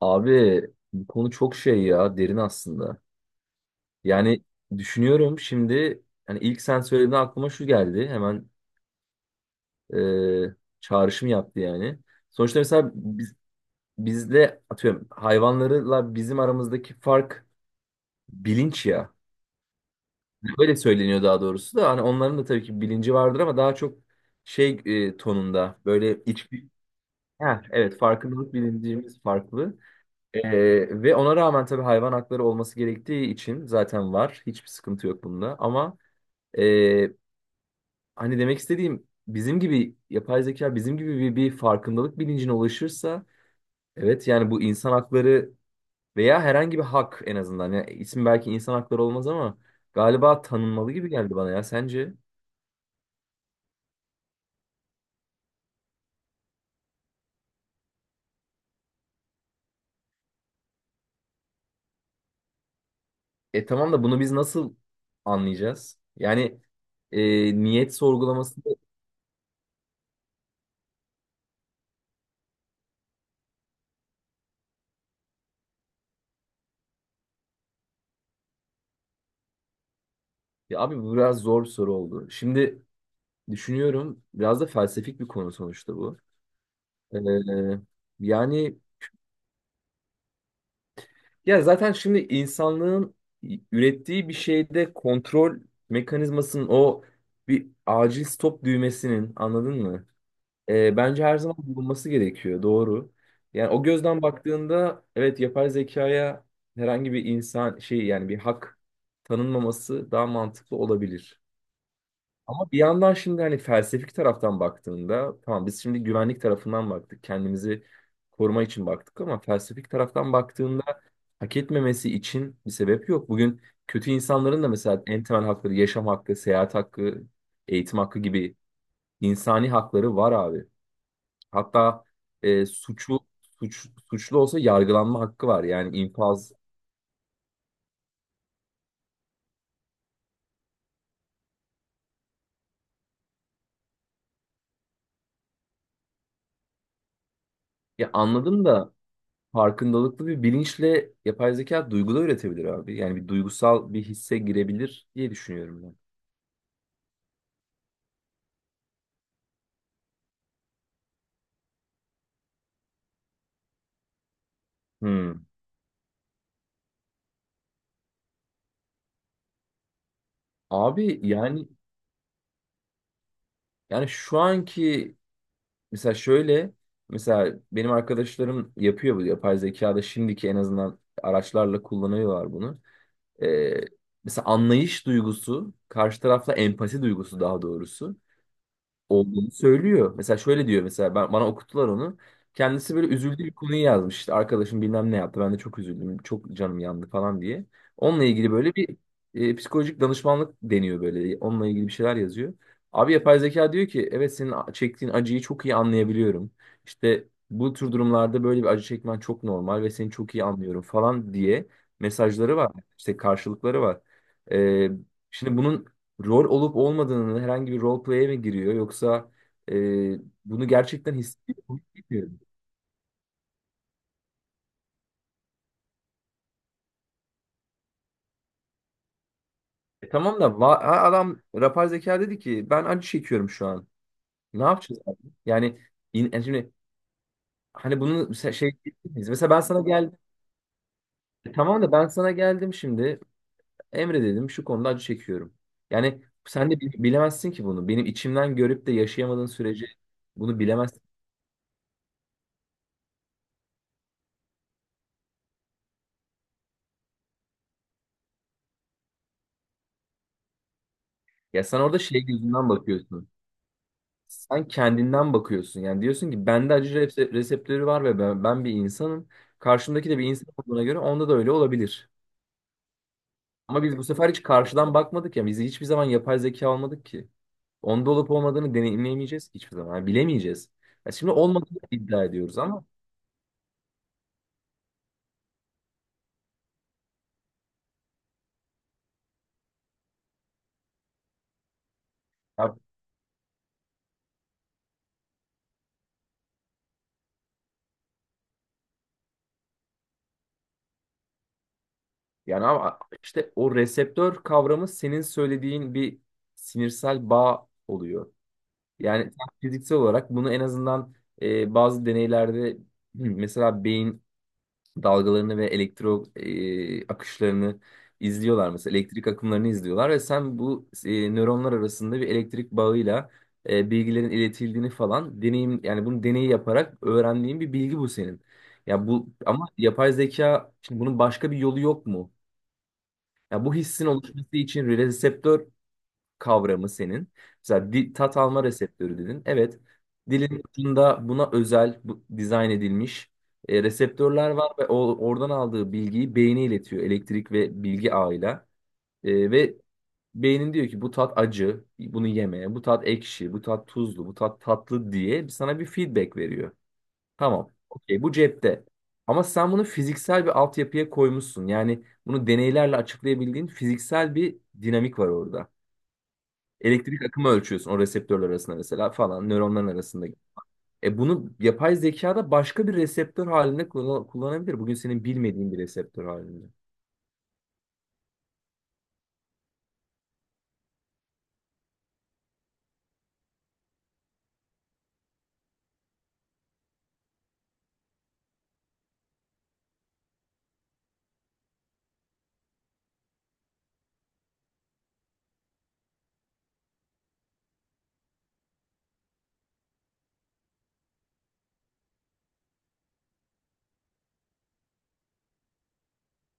Abi bu konu çok şey ya derin aslında. Yani düşünüyorum şimdi hani ilk sen söylediğinde aklıma şu geldi. Hemen e, çağrışım yaptı yani. Sonuçta mesela biz, bizle atıyorum hayvanlarla bizim aramızdaki fark bilinç ya. Öyle söyleniyor daha doğrusu da hani onların da tabii ki bilinci vardır ama daha çok şey tonunda böyle iç. Heh, evet farkındalık bilincimiz farklı. Ve ona rağmen tabii hayvan hakları olması gerektiği için zaten var. Hiçbir sıkıntı yok bunda. Ama e, hani demek istediğim bizim gibi yapay zeka bizim gibi bir farkındalık bilincine ulaşırsa evet yani bu insan hakları veya herhangi bir hak en azından. Yani isim belki insan hakları olmaz ama galiba tanınmalı gibi geldi bana ya sence? E tamam da bunu biz nasıl anlayacağız? Yani e, niyet sorgulaması. Ya abi bu biraz zor bir soru oldu. Şimdi düşünüyorum. Biraz da felsefik bir konu sonuçta bu. Ee, Yani ya zaten şimdi insanlığın ürettiği bir şeyde kontrol mekanizmasının o bir acil stop düğmesinin anladın mı? Bence her zaman bulunması gerekiyor. Doğru. Yani o gözden baktığında evet yapay zekaya herhangi bir insan şey yani bir hak tanınmaması daha mantıklı olabilir. Ama bir yandan şimdi hani felsefik taraftan baktığında tamam biz şimdi güvenlik tarafından baktık. Kendimizi koruma için baktık ama felsefik taraftan baktığında hak etmemesi için bir sebep yok. Bugün kötü insanların da mesela en temel hakları yaşam hakkı, seyahat hakkı, eğitim hakkı gibi insani hakları var abi. Hatta e, suçu suçlu olsa yargılanma hakkı var. Yani infaz. Ya anladım da farkındalıklı bir bilinçle yapay zeka duygu da üretebilir abi. Yani bir duygusal bir hisse girebilir diye düşünüyorum ben. Hmm. Abi yani yani şu anki, mesela şöyle, mesela benim arkadaşlarım yapıyor bu yapay zekada şimdiki en azından araçlarla kullanıyorlar bunu. Ee, Mesela anlayış duygusu, karşı tarafla empati duygusu daha doğrusu olduğunu söylüyor. Mesela şöyle diyor, mesela ben, bana okuttular onu. Kendisi böyle üzüldüğü bir konuyu yazmış. İşte arkadaşım bilmem ne yaptı. Ben de çok üzüldüm. Çok canım yandı falan diye. Onunla ilgili böyle bir psikolojik danışmanlık deniyor böyle. Onunla ilgili bir şeyler yazıyor. Abi yapay zeka diyor ki evet senin çektiğin acıyı çok iyi anlayabiliyorum. İşte bu tür durumlarda böyle bir acı çekmen çok normal ve seni çok iyi anlıyorum falan diye mesajları var. İşte karşılıkları var. E, Şimdi bunun rol olup olmadığını, herhangi bir role play'e mi giriyor yoksa e, bunu gerçekten hissediyor mu? Bilmiyorum. E, tamam da ha, adam yapay zeka dedi ki ben acı çekiyorum şu an. Ne yapacağız abi? Yani yani şimdi hani bunu mesela şey diyebiliriz. Mesela ben sana geldim. E, tamam da ben sana geldim şimdi, Emre dedim şu konuda acı çekiyorum. Yani sen de bilemezsin ki bunu. Benim içimden görüp de yaşayamadığın sürece bunu bilemezsin. Ya sen orada şey gözünden bakıyorsun, sen kendinden bakıyorsun. Yani diyorsun ki bende acı reseptörü var ve ben bir insanım. Karşımdaki de bir insan olduğuna göre onda da öyle olabilir. Ama biz bu sefer hiç karşıdan bakmadık ya. Biz hiçbir zaman yapay zeka almadık ki. Onda olup olmadığını deneyimleyemeyeceğiz ki hiçbir zaman. Yani bilemeyeceğiz. Ya şimdi olmadığını iddia ediyoruz ama ya- yani ama işte o reseptör kavramı senin söylediğin bir sinirsel bağ oluyor. Yani sen fiziksel olarak bunu en azından bazı deneylerde. Hı, mesela beyin dalgalarını ve elektro akışlarını izliyorlar, mesela elektrik akımlarını izliyorlar ve sen bu nöronlar arasında bir elektrik bağıyla bilgilerin iletildiğini falan deneyim, yani bunu deneyi yaparak öğrendiğin bir bilgi bu senin. Ya bu ama yapay zeka, şimdi bunun başka bir yolu yok mu? Ya bu hissin oluşması için reseptör kavramı senin. Mesela tat alma reseptörü dedin. Evet, dilin ucunda buna özel bu, dizayn edilmiş reseptörler var ve o, oradan aldığı bilgiyi beyne iletiyor elektrik ve bilgi ağıyla. Ve beynin diyor ki bu tat acı, bunu yeme, bu tat ekşi, bu tat tuzlu, bu tat tatlı diye sana bir feedback veriyor. Tamam, okey bu cepte. Ama sen bunu fiziksel bir altyapıya koymuşsun. Yani bunu deneylerle açıklayabildiğin fiziksel bir dinamik var orada. Elektrik akımı ölçüyorsun o reseptörler arasında mesela, falan nöronların arasında. E bunu yapay zekada başka bir reseptör halinde kullanabilir. Bugün senin bilmediğin bir reseptör halinde.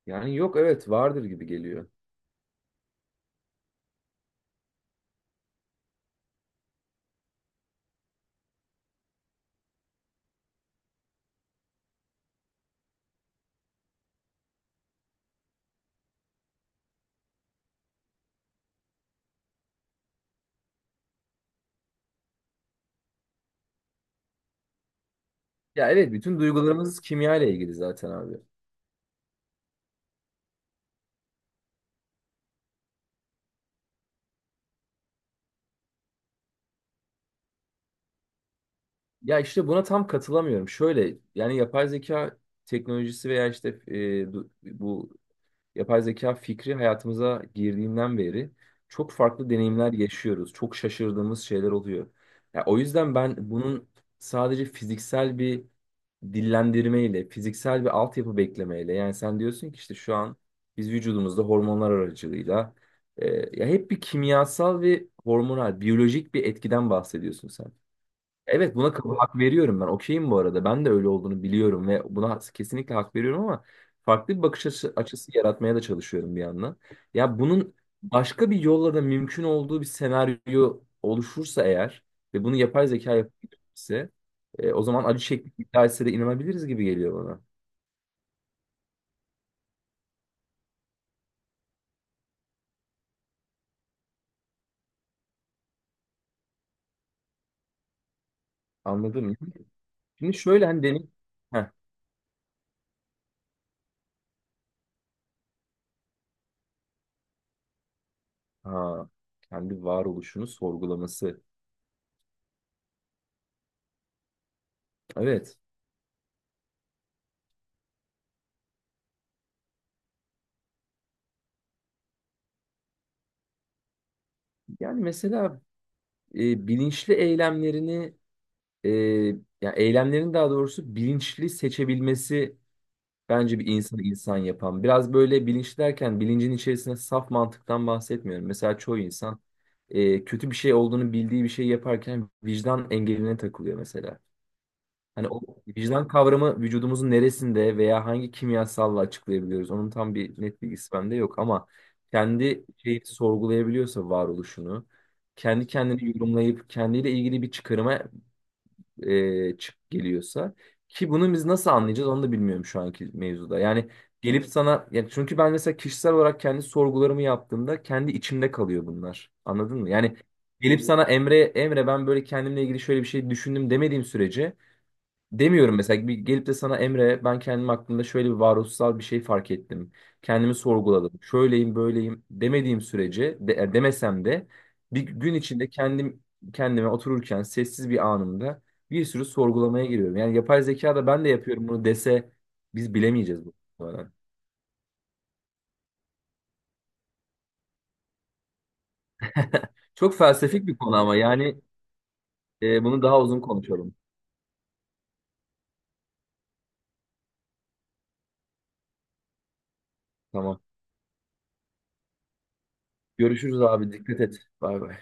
Yani yok, evet vardır gibi geliyor. Ya evet, bütün duygularımız kimya ile ilgili zaten abi. Ya işte buna tam katılamıyorum. Şöyle, yani yapay zeka teknolojisi veya işte bu yapay zeka fikri hayatımıza girdiğinden beri çok farklı deneyimler yaşıyoruz. Çok şaşırdığımız şeyler oluyor. Ya o yüzden ben bunun sadece fiziksel bir dillendirmeyle, fiziksel bir altyapı beklemeyle, yani sen diyorsun ki işte şu an biz vücudumuzda hormonlar aracılığıyla e, ya hep bir kimyasal ve hormonal, biyolojik bir etkiden bahsediyorsun sen. Evet buna hak veriyorum ben. Okeyim bu arada. Ben de öyle olduğunu biliyorum ve buna kesinlikle hak veriyorum ama farklı bir bakış açısı yaratmaya da çalışıyorum bir yandan. Ya bunun başka bir yolla da mümkün olduğu bir senaryo oluşursa eğer ve bunu yapay zeka yapabilirse o zaman acı çekmek iddia de inanabiliriz gibi geliyor bana. Anladın mı? Şimdi şöyle hani deney... Heh, ha, kendi varoluşunu sorgulaması. Evet. Yani mesela bilinçli eylemlerini e, ya eylemlerin daha doğrusu bilinçli seçebilmesi bence bir insanı insan yapan. Biraz böyle bilinçli derken bilincin içerisine saf mantıktan bahsetmiyorum. Mesela çoğu insan kötü bir şey olduğunu bildiği bir şey yaparken vicdan engeline takılıyor mesela. Hani o vicdan kavramı vücudumuzun neresinde veya hangi kimyasalla açıklayabiliyoruz? Onun tam bir net bilgisi bende yok ama kendi şeyi sorgulayabiliyorsa varoluşunu, kendi kendini yorumlayıp kendiyle ilgili bir çıkarıma e, çık geliyorsa ki bunu biz nasıl anlayacağız onu da bilmiyorum şu anki mevzuda. Yani gelip sana, yani çünkü ben mesela kişisel olarak kendi sorgularımı yaptığımda kendi içimde kalıyor bunlar. Anladın mı? Yani gelip sana Emre, ben böyle kendimle ilgili şöyle bir şey düşündüm demediğim sürece demiyorum, mesela bir gelip de sana Emre ben kendim hakkında şöyle bir varoluşsal bir şey fark ettim. Kendimi sorguladım. Şöyleyim böyleyim demediğim sürece de, demesem de bir gün içinde kendim kendime otururken sessiz bir anımda bir sürü sorgulamaya giriyorum. Yani yapay zeka da ben de yapıyorum bunu dese biz bilemeyeceğiz bu arada. Çok felsefik bir konu ama yani bunu daha uzun konuşalım. Tamam. Görüşürüz abi, dikkat et. Bay bay.